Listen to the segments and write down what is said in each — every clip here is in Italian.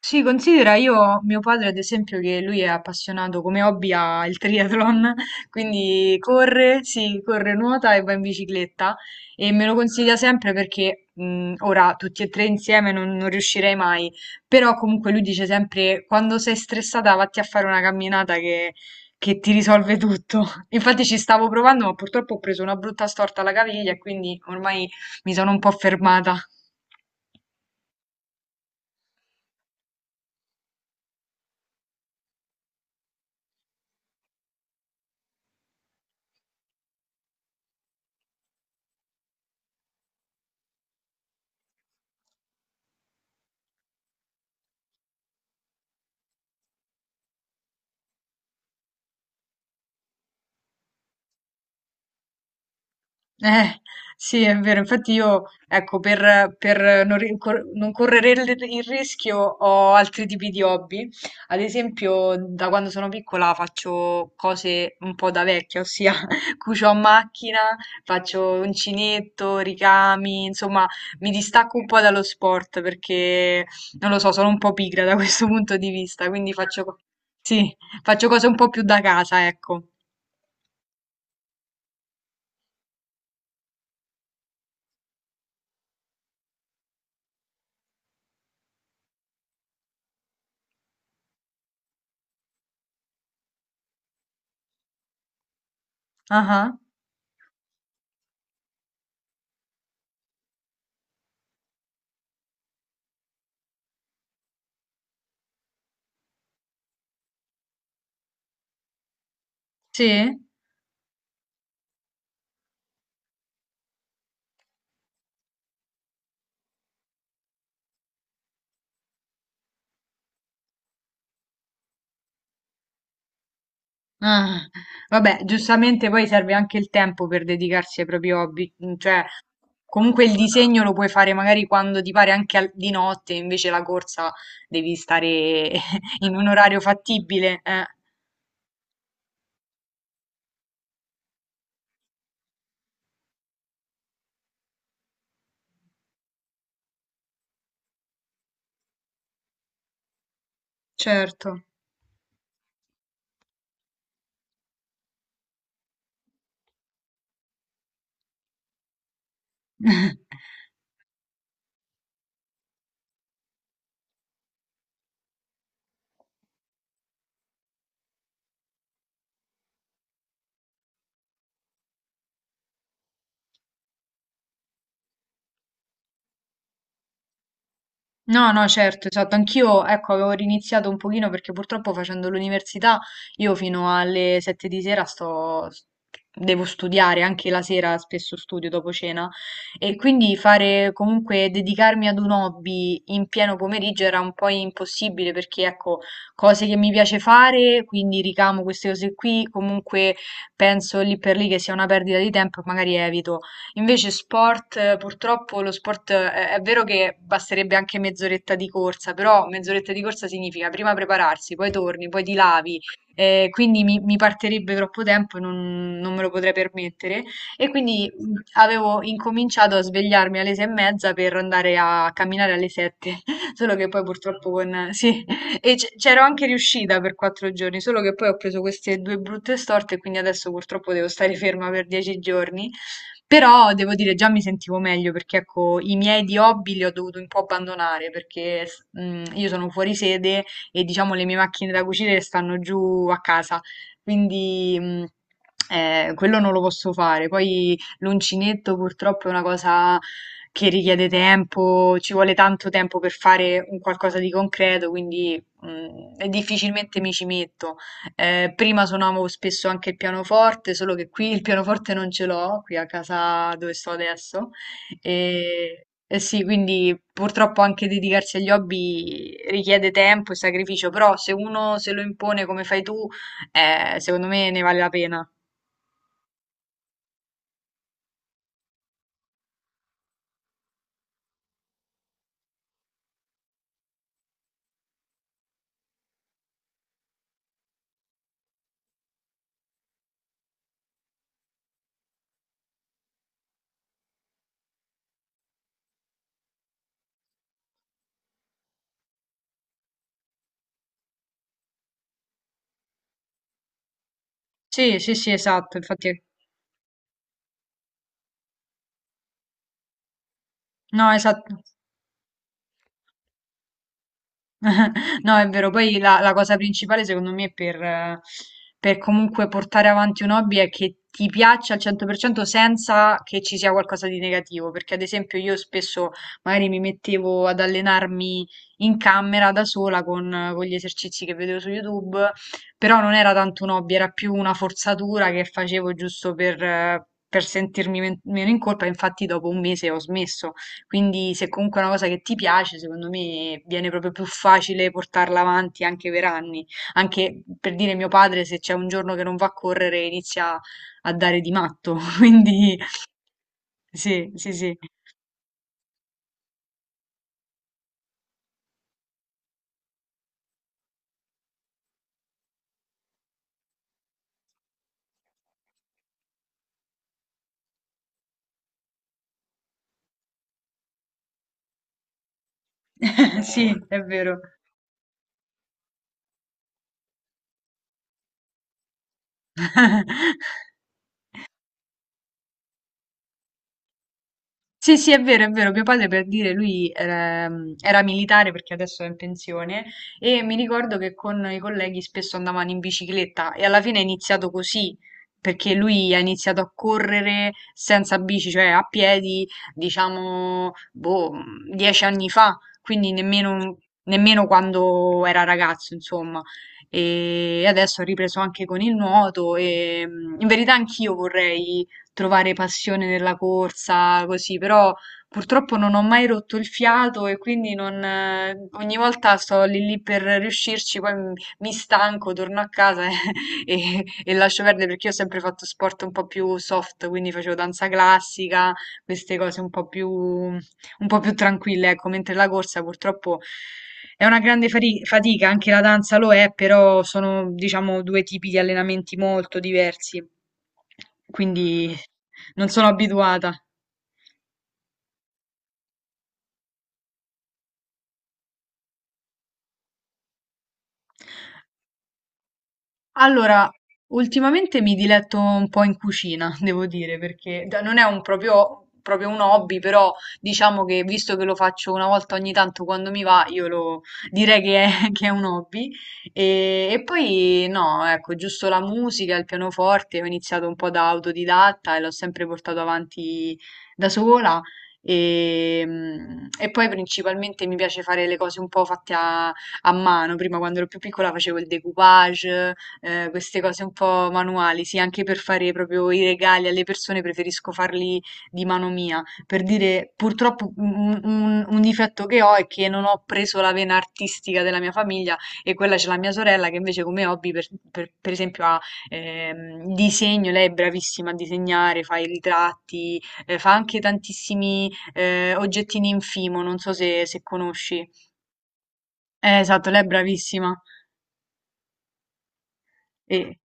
Sì, considera io, mio padre ad esempio, che lui è appassionato come hobby al triathlon, quindi corre, sì, corre, nuota e va in bicicletta e me lo consiglia sempre perché ora tutti e tre insieme non riuscirei mai, però comunque lui dice sempre quando sei stressata vatti a fare una camminata che ti risolve tutto. Infatti ci stavo provando ma purtroppo ho preso una brutta storta alla caviglia e quindi ormai mi sono un po' fermata. Eh, sì, è vero. Infatti io, ecco, per non correre il rischio, ho altri tipi di hobby. Ad esempio, da quando sono piccola faccio cose un po' da vecchia, ossia cucio a macchina, faccio uncinetto, ricami, insomma, mi distacco un po' dallo sport perché, non lo so, sono un po' pigra da questo punto di vista, quindi sì, faccio cose un po' più da casa, ecco. Ah, ah. Sì? Ah, vabbè, giustamente poi serve anche il tempo per dedicarsi ai propri hobby, mm, cioè comunque il disegno lo puoi fare magari quando ti pare anche di notte, invece la corsa devi stare in un orario fattibile, certo. No, no, certo, esatto. Anch'io, ecco, avevo riniziato un pochino perché purtroppo facendo l'università io fino alle 7 di sera sto, devo studiare, anche la sera spesso studio dopo cena e quindi fare comunque dedicarmi ad un hobby in pieno pomeriggio era un po' impossibile perché ecco, cose che mi piace fare, quindi ricamo queste cose qui, comunque penso lì per lì che sia una perdita di tempo e magari evito. Invece sport, purtroppo lo sport è vero che basterebbe anche mezz'oretta di corsa, però mezz'oretta di corsa significa prima prepararsi, poi torni, poi ti lavi, quindi mi partirebbe troppo tempo e non me lo potrei permettere. E quindi avevo incominciato a svegliarmi alle 6:30 per andare a camminare alle 7, solo che poi purtroppo con... Sì, e c'ero anche riuscita per 4 giorni, solo che poi ho preso queste due brutte storte e quindi adesso purtroppo devo stare ferma per 10 giorni. Però devo dire, già mi sentivo meglio perché ecco, i miei di hobby li ho dovuto un po' abbandonare perché mm, io sono fuori sede e diciamo le mie macchine da cucire stanno giù a casa, quindi mm, quello non lo posso fare. Poi l'uncinetto purtroppo è una cosa che richiede tempo, ci vuole tanto tempo per fare un qualcosa di concreto, quindi mm, difficilmente mi ci metto. Prima suonavo spesso anche il pianoforte, solo che qui il pianoforte non ce l'ho, qui a casa dove sto adesso. E sì, quindi purtroppo anche dedicarsi agli hobby richiede tempo e sacrificio, però se uno se lo impone come fai tu, secondo me ne vale la pena. Sì, sì, sì, esatto, infatti... No, esatto. No, è vero. Poi la cosa principale, secondo me, per comunque portare avanti un hobby è che ti piaccia al 100% senza che ci sia qualcosa di negativo. Perché, ad esempio, io spesso magari mi mettevo ad allenarmi in camera da sola con gli esercizi che vedevo su YouTube, però non era tanto un hobby, era più una forzatura che facevo giusto per, per sentirmi meno in colpa. Infatti, dopo un mese ho smesso. Quindi se comunque è una cosa che ti piace, secondo me viene proprio più facile portarla avanti anche per anni. Anche per dire, mio padre, se c'è un giorno che non va a correre, inizia a dare di matto. Quindi sì, sì, sì, sì, è vero. Sì, sì, è vero, è vero. Mio padre, per dire, lui era, era militare, perché adesso è in pensione, e mi ricordo che con i colleghi spesso andavano in bicicletta e alla fine è iniziato così perché lui ha iniziato a correre senza bici, cioè a piedi, diciamo, boh, 10 anni fa, quindi nemmeno, nemmeno quando era ragazzo, insomma. E adesso ha ripreso anche con il nuoto e mm, in verità anch'io vorrei trovare passione nella corsa, così, però purtroppo non ho mai rotto il fiato e quindi non, ogni volta sto lì lì per riuscirci, poi mi stanco, torno a casa e lascio perdere, perché io ho sempre fatto sport un po' più soft, quindi facevo danza classica, queste cose un po' più tranquille, ecco, mentre la corsa purtroppo è una grande fatica, anche la danza lo è, però sono, diciamo, due tipi di allenamenti molto diversi, quindi non sono abituata. Allora, ultimamente mi diletto un po' in cucina, devo dire, perché non è un proprio, proprio un hobby, però diciamo che visto che lo faccio una volta ogni tanto quando mi va, io lo direi che è, che è un hobby. E poi no, ecco, giusto la musica, il pianoforte, ho iniziato un po' da autodidatta e l'ho sempre portato avanti da sola. E, mm, e poi principalmente mi piace fare le cose un po' fatte a, a mano. Prima, quando ero più piccola, facevo il decoupage, queste cose un po' manuali, sì, anche per fare proprio i regali alle persone preferisco farli di mano mia. Per dire, purtroppo un difetto che ho è che non ho preso la vena artistica della mia famiglia, e quella c'è la mia sorella che invece come hobby, per esempio, ha disegno, lei è bravissima a disegnare, fa i ritratti, fa anche tantissimi oggettini in fimo, non so se, se conosci. Esatto, lei è bravissima. E-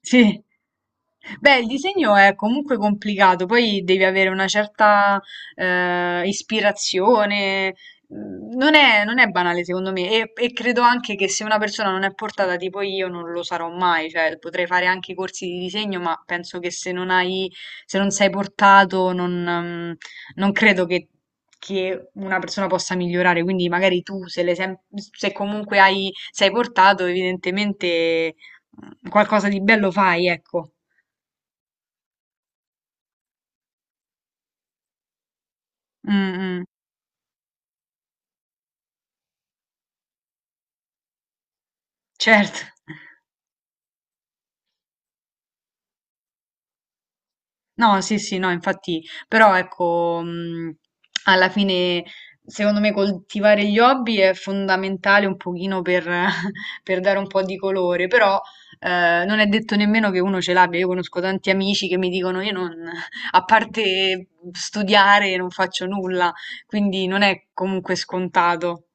Sì. Beh, il disegno è comunque complicato, poi devi avere una certa ispirazione. Mm, non è, non è banale, secondo me, e credo anche che se una persona non è portata, tipo io non lo sarò mai, cioè potrei fare anche corsi di disegno, ma penso che se non hai, se non sei portato, non, mm, non credo che una persona possa migliorare. Quindi magari tu, se, se comunque hai, sei portato, evidentemente qualcosa di bello fai, ecco. Mh-mh, certo. No, sì, sì, no, infatti, però ecco, mhmm, alla fine secondo me coltivare gli hobby è fondamentale un pochino per per dare un po' di colore, però, non è detto nemmeno che uno ce l'abbia. Io conosco tanti amici che mi dicono: "Io non a parte studiare non faccio nulla", quindi non è comunque scontato.